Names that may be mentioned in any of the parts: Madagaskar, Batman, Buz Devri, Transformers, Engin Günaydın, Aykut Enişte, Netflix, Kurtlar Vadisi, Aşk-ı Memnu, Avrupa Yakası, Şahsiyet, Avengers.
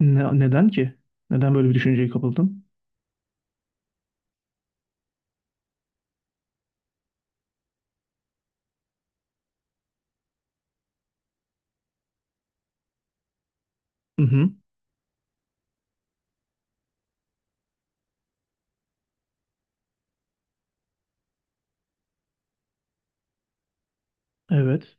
Neden ki? Neden böyle bir düşünceye kapıldın? Hı hı. Evet.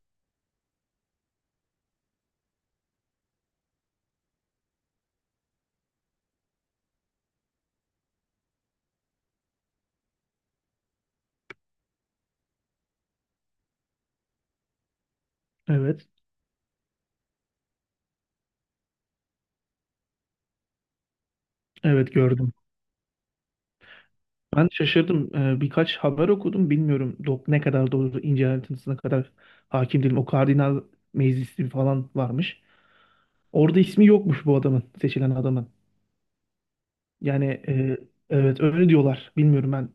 Evet. Evet, gördüm. Ben şaşırdım. Birkaç haber okudum. Bilmiyorum ne kadar doğru, ince ayrıntısına kadar hakim değilim. O kardinal meclisi falan varmış. Orada ismi yokmuş bu adamın, seçilen adamın. Yani evet, öyle diyorlar. Bilmiyorum, ben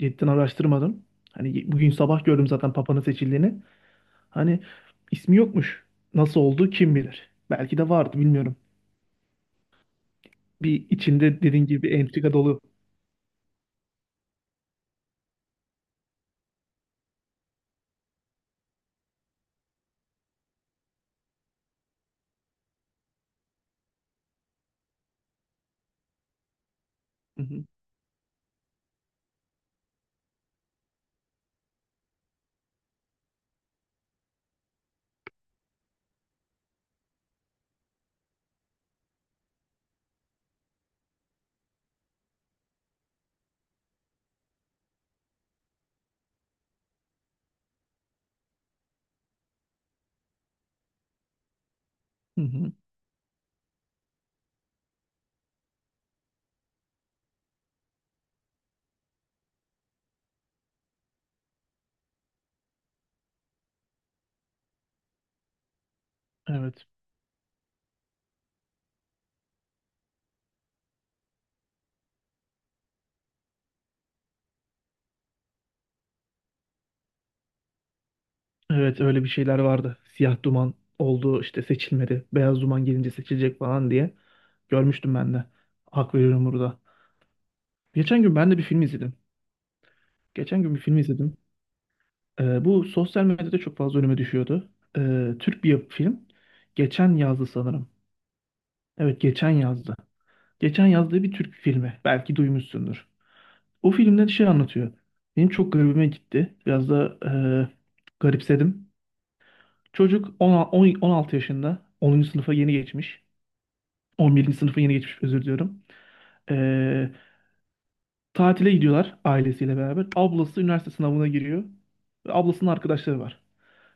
cidden araştırmadım. Hani bugün sabah gördüm zaten Papa'nın seçildiğini. Hani ismi yokmuş. Nasıl oldu kim bilir. Belki de vardı, bilmiyorum. Bir, içinde dediğin gibi, bir entrika dolu. Hı hı, hı hı. Evet. Evet, öyle bir şeyler vardı. Siyah duman oldu işte, seçilmedi. Beyaz duman gelince seçilecek falan diye. Görmüştüm ben de. Hak veriyorum burada. Geçen gün ben de bir film izledim. Geçen gün bir film izledim. Bu sosyal medyada çok fazla önüme düşüyordu. Türk bir film. Geçen yazdı sanırım. Evet, geçen yazdı. Geçen yazdığı bir Türk filmi. Belki duymuşsundur. O filmde şey anlatıyor. Benim çok garibime gitti. Biraz da garipsedim. Çocuk 10 10 16 yaşında. 10. sınıfa yeni geçmiş. 11. sınıfa yeni geçmiş, özür diliyorum. Ee, Tatile gidiyorlar ailesiyle beraber. Ablası üniversite sınavına giriyor. Ve ablasının arkadaşları var.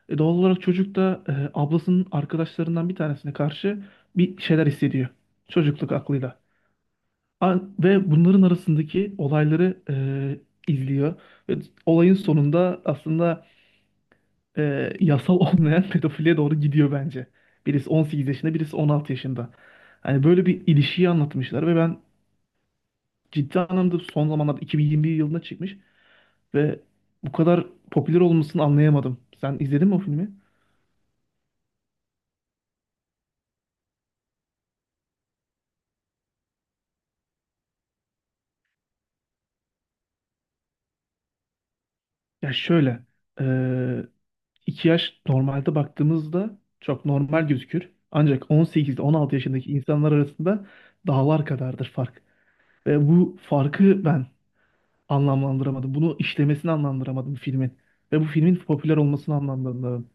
Doğal olarak çocuk da ablasının arkadaşlarından bir tanesine karşı bir şeyler hissediyor. Çocukluk aklıyla. Ve bunların arasındaki olayları izliyor. Ve olayın sonunda aslında yasal olmayan pedofiliye doğru gidiyor bence. Birisi 18 yaşında, birisi 16 yaşında. Hani böyle bir ilişkiyi anlatmışlar ve ben ciddi anlamda, son zamanlarda 2021 yılında çıkmış ve bu kadar popüler olmasını anlayamadım. Sen izledin mi o filmi? Ya şöyle, e, 2 yaş normalde baktığımızda çok normal gözükür. Ancak 18-16 yaşındaki insanlar arasında dağlar kadardır fark. Ve bu farkı ben anlamlandıramadım. Bunu işlemesini anlamlandıramadım filmin. Ve bu filmin popüler olmasını anlamlandıramadım.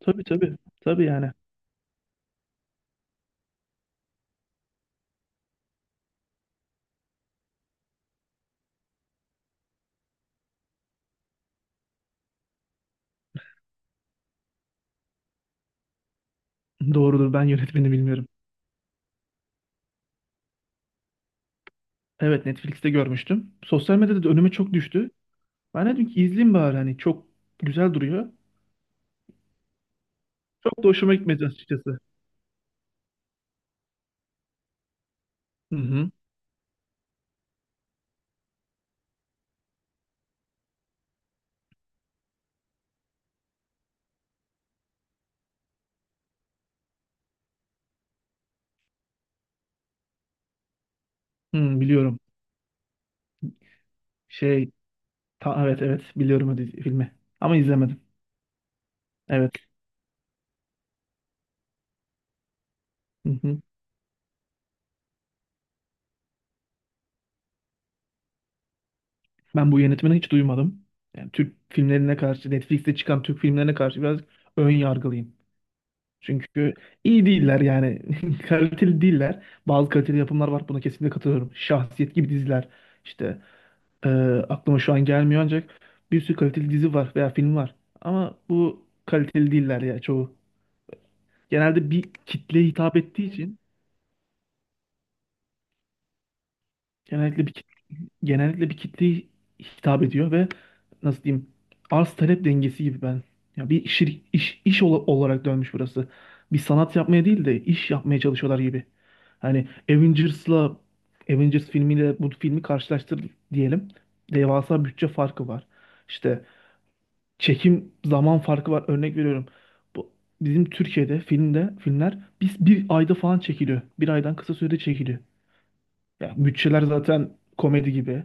Tabii, tabii. Tabii yani. Doğrudur, ben yönetmeni bilmiyorum. Evet, Netflix'te görmüştüm. Sosyal medyada da önüme çok düştü. Ben dedim ki izleyeyim bari, hani çok güzel duruyor. Çok da hoşuma gitmedi açıkçası. Hı hı. Hı, biliyorum. Şey evet, evet, biliyorum o filmi. Ama izlemedim. Evet. Hı hı. Ben bu yönetmeni hiç duymadım. Yani Türk filmlerine karşı, Netflix'te çıkan Türk filmlerine karşı biraz ön yargılıyım. Çünkü iyi değiller yani. Kaliteli değiller. Bazı kaliteli yapımlar var. Buna kesinlikle katılıyorum. Şahsiyet gibi diziler. İşte e, aklıma şu an gelmiyor, ancak bir sürü kaliteli dizi var veya film var. Ama bu kaliteli değiller ya çoğu. Genelde bir kitleye hitap ettiği için genellikle bir kit- genellikle bir kitleye hitap ediyor ve, nasıl diyeyim, arz talep dengesi gibi, ben ya bir iş olarak dönmüş burası. Bir sanat yapmaya değil de iş yapmaya çalışıyorlar gibi. Hani Avengers filmiyle bu filmi karşılaştır diyelim. Devasa bütçe farkı var. İşte çekim zaman farkı var. Örnek veriyorum. Bu bizim Türkiye'de filmler biz bir ayda falan çekiliyor. Bir aydan kısa sürede çekiliyor. Ya bütçeler zaten komedi gibi.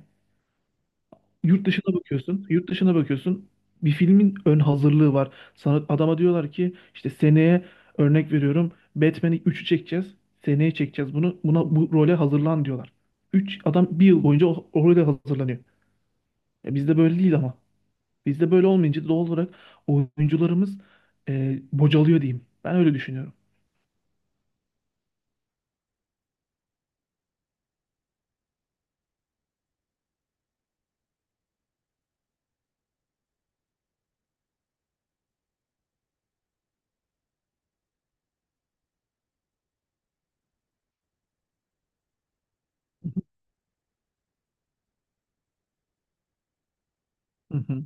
Yurt dışına bakıyorsun, yurt dışına bakıyorsun. Bir filmin ön hazırlığı var. Sana adama diyorlar ki işte seneye, örnek veriyorum, Batman'i 3'ü çekeceğiz. Seneye çekeceğiz bunu. Buna, bu role hazırlan, diyorlar. 3 adam bir yıl boyunca o role hazırlanıyor. Bizde böyle değil ama. Bizde böyle olmayınca doğal olarak oyuncularımız bocalıyor, diyeyim. Ben öyle düşünüyorum. Hı hı.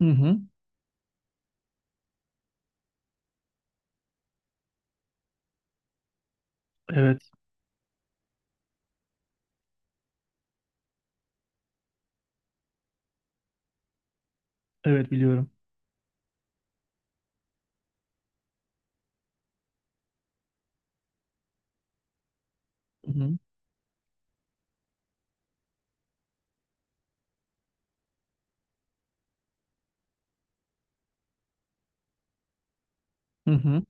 Hı hı. Evet. Evet, biliyorum. Hı hı. Hı hı.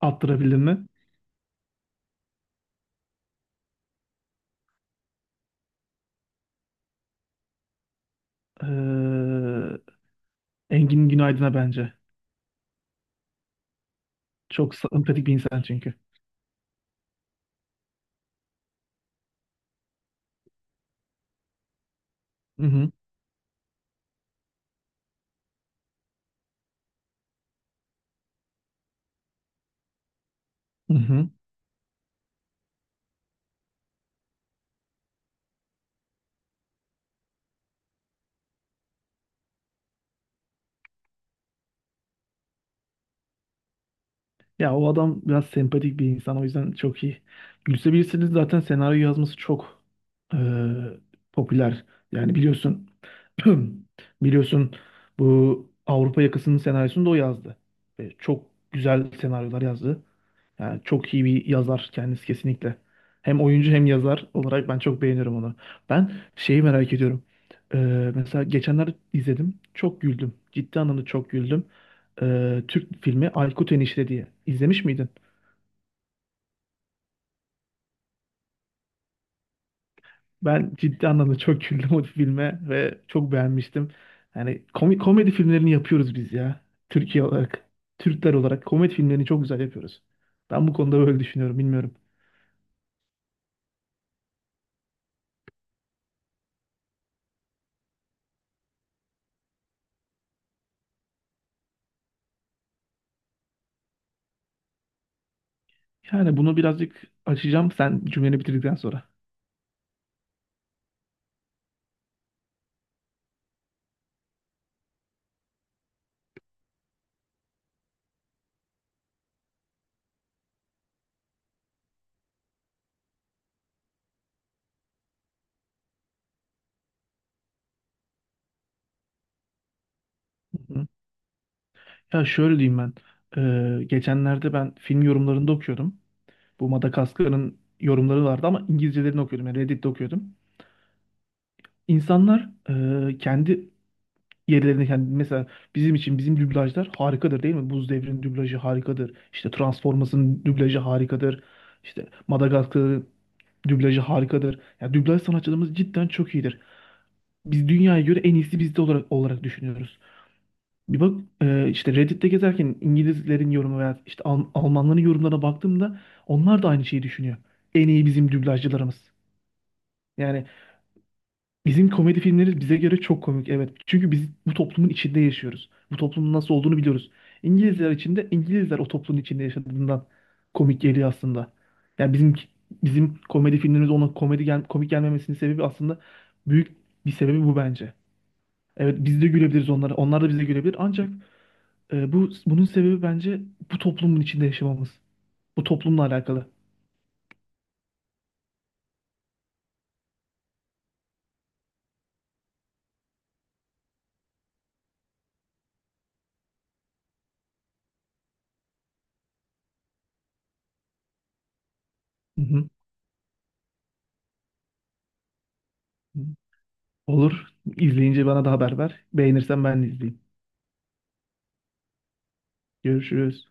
Attırabildin mi? Ee, Engin Günaydın'a bence. Çok sempatik bir insan çünkü. Hı hı. Hı hı. Ya o adam biraz sempatik bir insan, o yüzden çok iyi. Gülsebilirsiniz, zaten senaryo yazması çok eee, popüler. Yani biliyorsun biliyorsun bu Avrupa Yakası'nın senaryosunu da o yazdı. Ve çok güzel senaryolar yazdı. Yani çok iyi bir yazar kendisi, kesinlikle. Hem oyuncu hem yazar olarak ben çok beğeniyorum onu. Ben şeyi merak ediyorum. Ee, Mesela geçenler izledim. Çok güldüm. Ciddi anlamda çok güldüm. Türk filmi Aykut Enişte diye. İzlemiş miydin? Ben ciddi anlamda çok güldüm o filme ve çok beğenmiştim. Yani komedi filmlerini yapıyoruz biz ya. Türkiye olarak, Türkler olarak komedi filmlerini çok güzel yapıyoruz. Ben bu konuda böyle düşünüyorum, bilmiyorum. Yani bunu birazcık açacağım sen cümleni bitirdikten sonra. Hı hı. Ya şöyle diyeyim ben. Geçenlerde ben film yorumlarında okuyordum. Bu Madagaskar'ın yorumları vardı ama İngilizcelerini okuyordum. Yani Reddit'te okuyordum. İnsanlar kendi yerlerinde kendi, mesela bizim için bizim dublajlar harikadır, değil mi? Buz Devri'nin dublajı harikadır. İşte Transformers'ın dublajı harikadır. İşte Madagaskar'ın dublajı harikadır. Yani dublaj sanatçılarımız cidden çok iyidir. Biz dünyaya göre en iyisi bizde olarak düşünüyoruz. Bir bak işte Reddit'te gezerken İngilizlerin yorumu veya işte Almanların yorumlarına baktığımda onlar da aynı şeyi düşünüyor. En iyi bizim dublajcılarımız. Yani bizim komedi filmleri bize göre çok komik, evet. Çünkü biz bu toplumun içinde yaşıyoruz. Bu toplumun nasıl olduğunu biliyoruz. İngilizler için de İngilizler o toplumun içinde yaşadığından komik geliyor aslında. Yani bizim komedi filmlerimiz ona komedi gel komik gelmemesinin sebebi, aslında büyük bir sebebi bu bence. Evet, biz de gülebiliriz onlara. Onlar da bize gülebilir. Ancak bunun sebebi bence bu toplumun içinde yaşamamız. Bu toplumla alakalı. Hı hı. Olur. İzleyince bana da haber ver. Beğenirsen ben de izleyeyim. Görüşürüz.